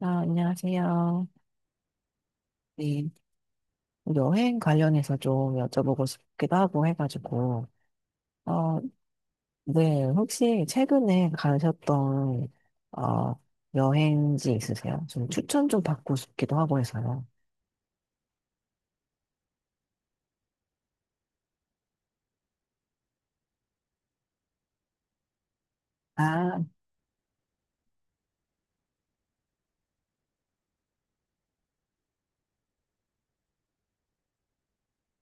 아, 안녕하세요. 네, 여행 관련해서 좀 여쭤보고 싶기도 하고 해가지고, 어, 네, 혹시 최근에 가셨던, 어, 여행지 있으세요? 좀 추천 좀 받고 싶기도 하고 해서요. 아,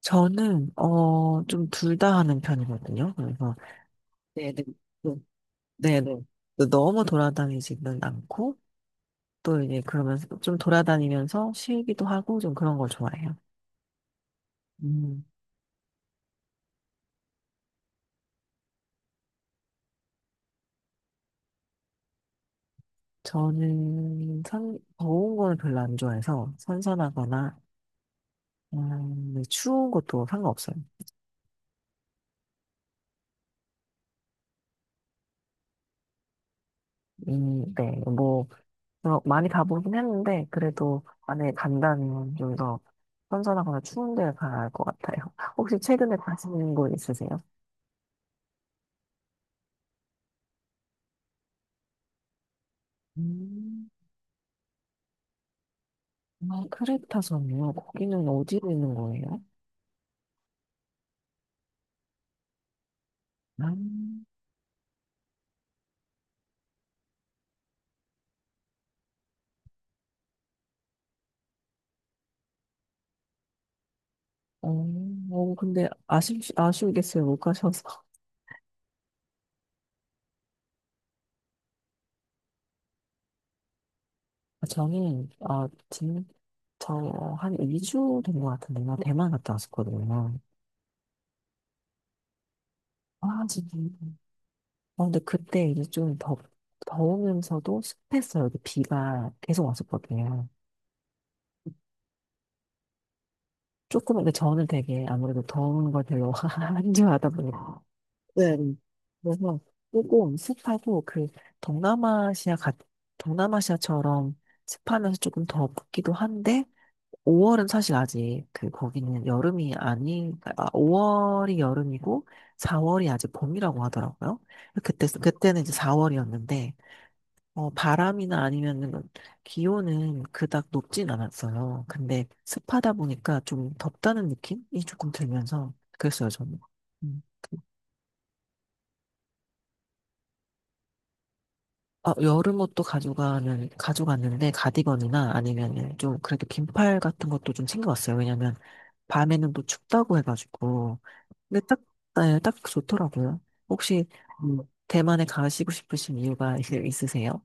저는, 좀 둘 다 하는 편이거든요. 그래서, 네, 네, 네, 네. 네. 너무 돌아다니지는 않고, 또 이제 그러면서 좀 돌아다니면서 쉬기도 하고 좀 그런 걸 좋아해요. 음. 저는 더운 거는 별로 안 좋아해서 선선하거나 네, 추운 것도 상관없어요. 네, 뭐 많이 가보긴 했는데 그래도 만약에 간다면 좀 더 선선하거나 추운 데 가야 할 것 같아요. 혹시 최근에 가시는 곳 있으세요? 음, 아, 크레타섬이요? 거기는 어디에 있는 거예요? 아, 어, 근데 아쉽겠어요. 못 가셔서. 아, 저한 2주 된 것 같은데, 나 대만 갔다 왔었거든요. 아, 진짜. 근데 그때 이제 좀 더우면서도 습했어요. 이렇게 비가 계속 왔었거든요. 조금, 근데 저는 되게 아무래도 더운 걸 별로 안 좋아하다 보니까. 네. 그래서 조금 습하고 그 동남아시아 같, 동남아시아처럼 습하면서 조금 덥기도 한데, 5월은 사실 아직 그 거기는 여름이 아니, 아, 5월이 여름이고 4월이 아직 봄이라고 하더라고요. 그때는 이제 4월이었는데 바람이나 아니면은 기온은 그닥 높진 않았어요. 근데 습하다 보니까 좀 덥다는 느낌이 조금 들면서 그랬어요 저는. 음. 아, 여름 옷도 가져가는 가져갔는데 가디건이나 아니면은 좀 그래도 긴팔 같은 것도 좀 챙겨왔어요. 왜냐면 밤에는 또 춥다고 해가지고. 근데 딱, 네, 딱 좋더라고요. 혹시 음, 대만에 가시고 싶으신 이유가 있으세요?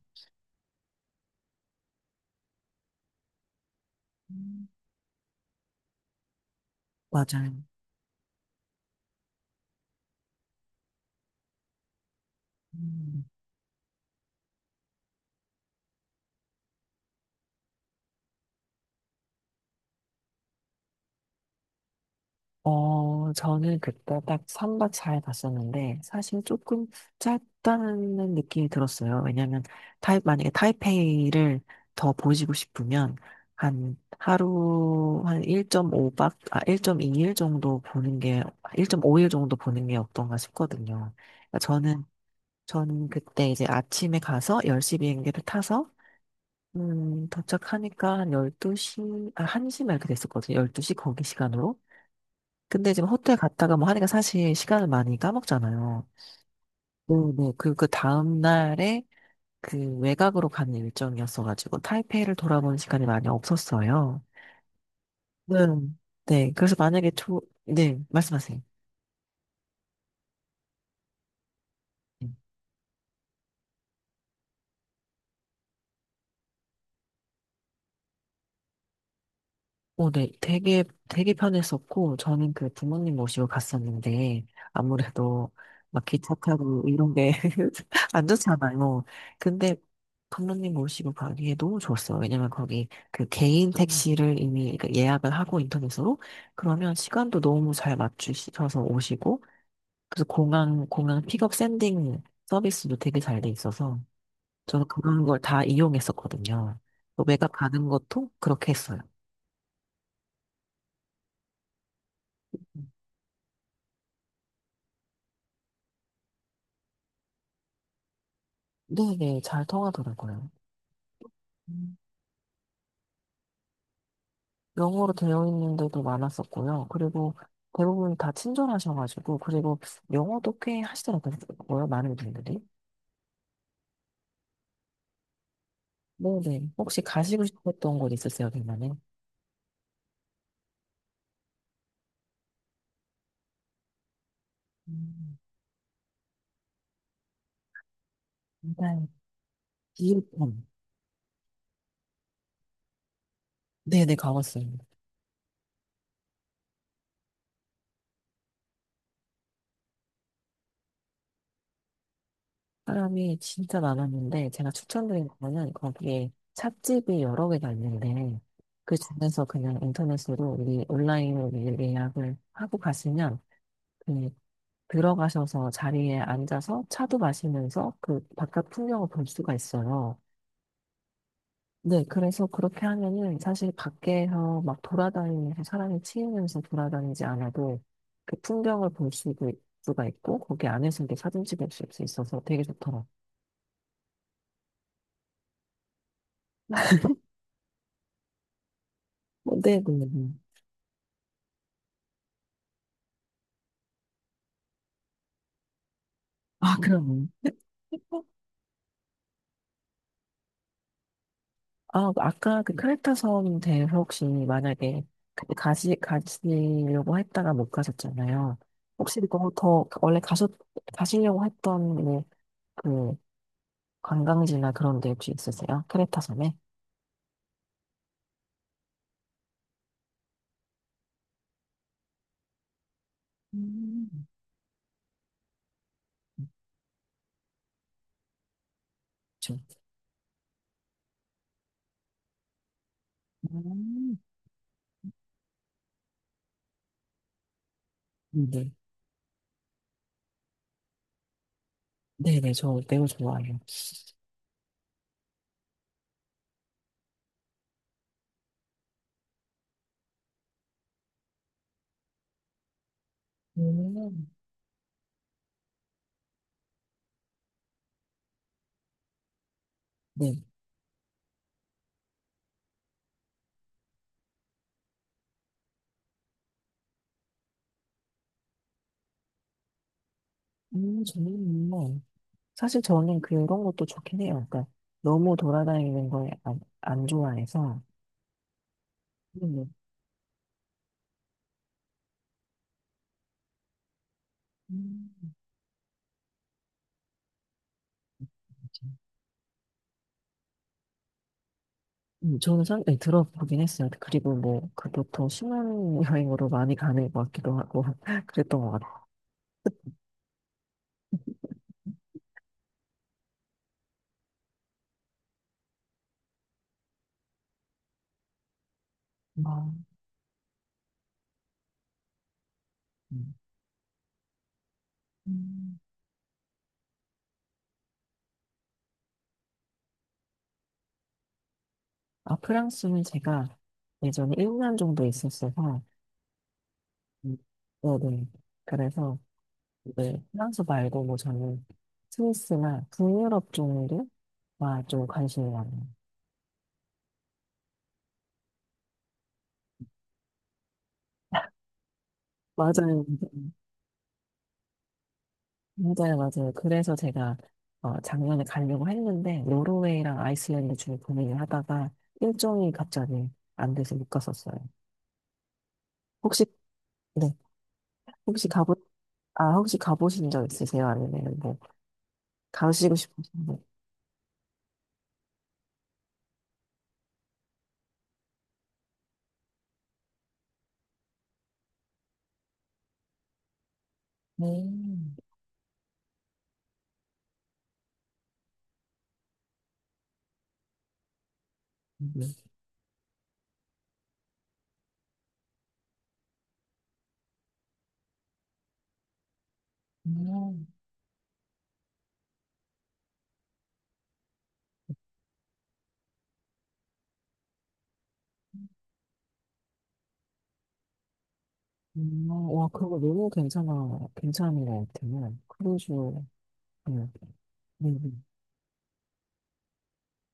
음. 맞아요. 음. 저는 그때 딱 3박 4일 갔었는데, 사실 조금 짧다는 느낌이 들었어요. 왜냐면, 만약에 타이페이를 더 보시고 싶으면, 한 하루, 한 1.5박, 아, 1.2일 정도 보는 게, 1.5일 정도 보는 게 어떤가 싶거든요. 그러니까 저는 그때 이제 아침에 가서 10시 비행기를 타서 도착하니까 한 12시, 아, 1시 막 이렇게 됐었거든요. 12시 거기 시간으로. 근데 지금 호텔 갔다가 뭐 하니까 사실 시간을 많이 까먹잖아요. 네, 네. 그리고 그 다음 날에 그 외곽으로 가는 일정이었어가지고 타이페이를 돌아보는 시간이 많이 없었어요. 네. 네. 그래서 네, 말씀하세요. 네, 되게 편했었고, 저는 그 부모님 모시고 갔었는데, 아무래도 막 기차 타고 이런 게 안 좋잖아요. 근데 부모님 모시고 가기에 너무 좋았어요. 왜냐면 거기 그 개인 택시를 이미 그 예약을 하고 인터넷으로, 그러면 시간도 너무 잘 맞추셔서 오시고, 그래서 공항 픽업 샌딩 서비스도 되게 잘 돼 있어서, 저는 그런 걸 다 이용했었거든요. 또 외곽 가는 것도 그렇게 했어요. 네네, 잘 통하더라고요. 음. 영어로 되어 있는 데도 많았었고요. 그리고 대부분 다 친절하셔가지고, 그리고 영어도 꽤 하시더라고요, 많은 분들이. 네네. 혹시 가시고 싶었던 곳 있으세요, 대만에? 음. 일단, 기일품. 네네, 가봤어요. 사람이 진짜 많았는데, 제가 추천드린 거는 거기에 찻집이 여러 개가 있는데, 그 중에서 그냥 인터넷으로 우리 온라인으로 미리 예약을 하고 가시면, 그 들어가셔서 자리에 앉아서 차도 마시면서 그 바깥 풍경을 볼 수가 있어요. 네, 그래서 그렇게 하면은 사실 밖에서 막 돌아다니면서 사람이 치이면서 돌아다니지 않아도 그 풍경을 가 있고 거기 안에서 이렇게 사진 찍을 수 있어서 되게 좋더라고요. 네, 네, 네. 아, 그럼. 아, 아까 그 크레타 섬 대해서 혹시 만약에 그때 가시려고 했다가 못 가셨잖아요. 혹시 그거 더 원래 가시려고 했던 그 관광지나 그런 데 혹시 있으세요? 크레타 섬에? 음. 좀. 음. 네. 네네, 저 매우 좋아해요. 음. 네. 저는 뭐, 사실 저는 그런 것도 좋긴 해요. 그러니까 너무 돌아다니는 걸 안 좋아해서. 네네. 음. 맞아요. 저는 네, 들어보긴 했어요. 그리고 뭐, 그것도 신혼여행으로 많이 가는 것 같기도 하고, 그랬던 것 같아요. 아, 음. 아, 프랑스는 제가 예전에 1년 정도 있었어서, 음, 네네. 그래서 이제 프랑스 말고 뭐 저는 스위스나 북유럽 정도가 좀 관심이 많아요. 맞아요. 맞아요, 맞아요. 그래서 제가 작년에 가려고 했는데, 노르웨이랑 아이슬란드 중에 고민을 하다가 일정이 갑자기 안 돼서 못 갔었어요. 혹시, 네. 혹시 아, 혹시 가보신 적 있으세요? 아니면 뭐, 가시고 싶으신데? 네. 음, 와, 그거 너무 괜찮은 것 같아요. 크루즈, 네, 네, 네.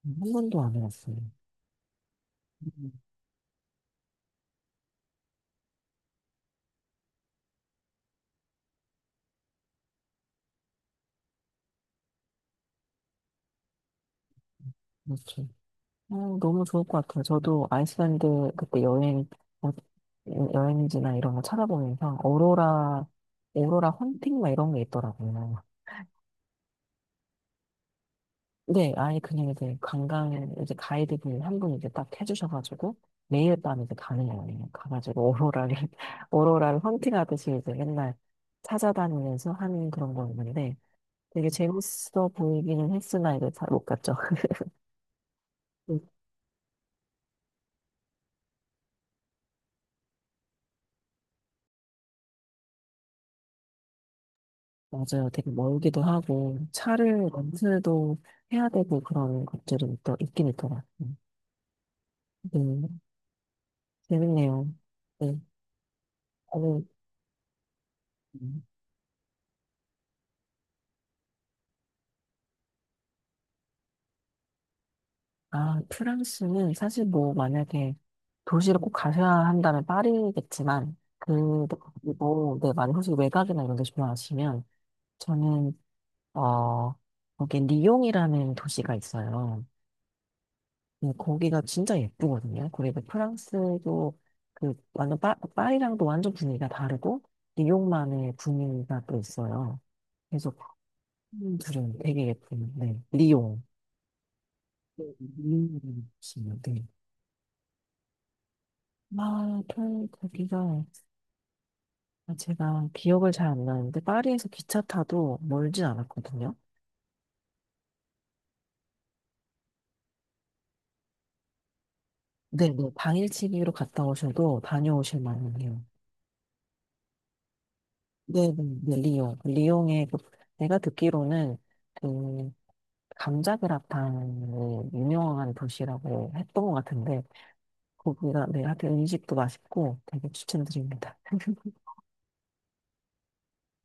한 번도 안 해봤어요. 음, 그렇죠. 너무 좋을 것 같아요. 저도 아이슬란드 그때 어, 여행지나 이런 거 찾아보면서 오로라 헌팅 막 이런 게 있더라고요. 네, 아예 그냥 이제 관광 이제 가이드분 한 분 이제 딱 해주셔가지고 매일 밤 이제 가는 거예요. 가가지고 오로라를 오로라를 헌팅하듯이 이제 맨날 찾아다니면서 하는 그런 거였는데 되게 재밌어 보이기는 했으나 이제 잘 못 갔죠. 음, 맞아요. 되게 멀기도 하고 차를 렌트도 해야 되고 그런 것들이 또 있긴 있더라고요. 네, 재밌네요. 네, 오늘 아, 프랑스는 사실 뭐 만약에 도시를 꼭 가셔야 한다면 파리겠지만 그 그리고 네, 만약 혹시 외곽이나 이런 데 좋아하시면 저는 어 거기 리옹이라는 도시가 있어요. 네, 거기가 진짜 예쁘거든요. 그리고 프랑스도 그 완전 파리랑도 완전 분위기가 다르고 리옹만의 분위기가 또 있어요. 계속 둘은 되게 예쁜데 리옹. 음. 음, 음. 아, 아, 제가 기억을 잘 안 나는데, 파리에서 기차 타도 멀진 않았거든요. 네, 네, 당일치기로 갔다 오셔도 다녀오실 만 해요. 네, 네, 네, 리옹. 리옹에, 내가 듣기로는, 그, 감자그라탕이 유명한 도시라고 했던 것 같은데, 거기가, 네, 하여튼 음식도 맛있고 되게 추천드립니다.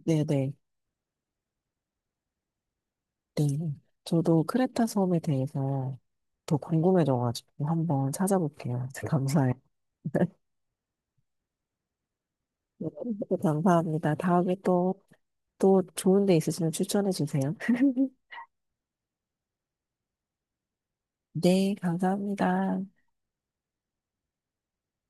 네, 네, 네. 저도 크레타 섬에 대해서 더 궁금해져가지고 한번 찾아볼게요. 감사해요. 감사합니다. 다음에 또 좋은 데 있으시면 추천해 주세요. 네, 감사합니다.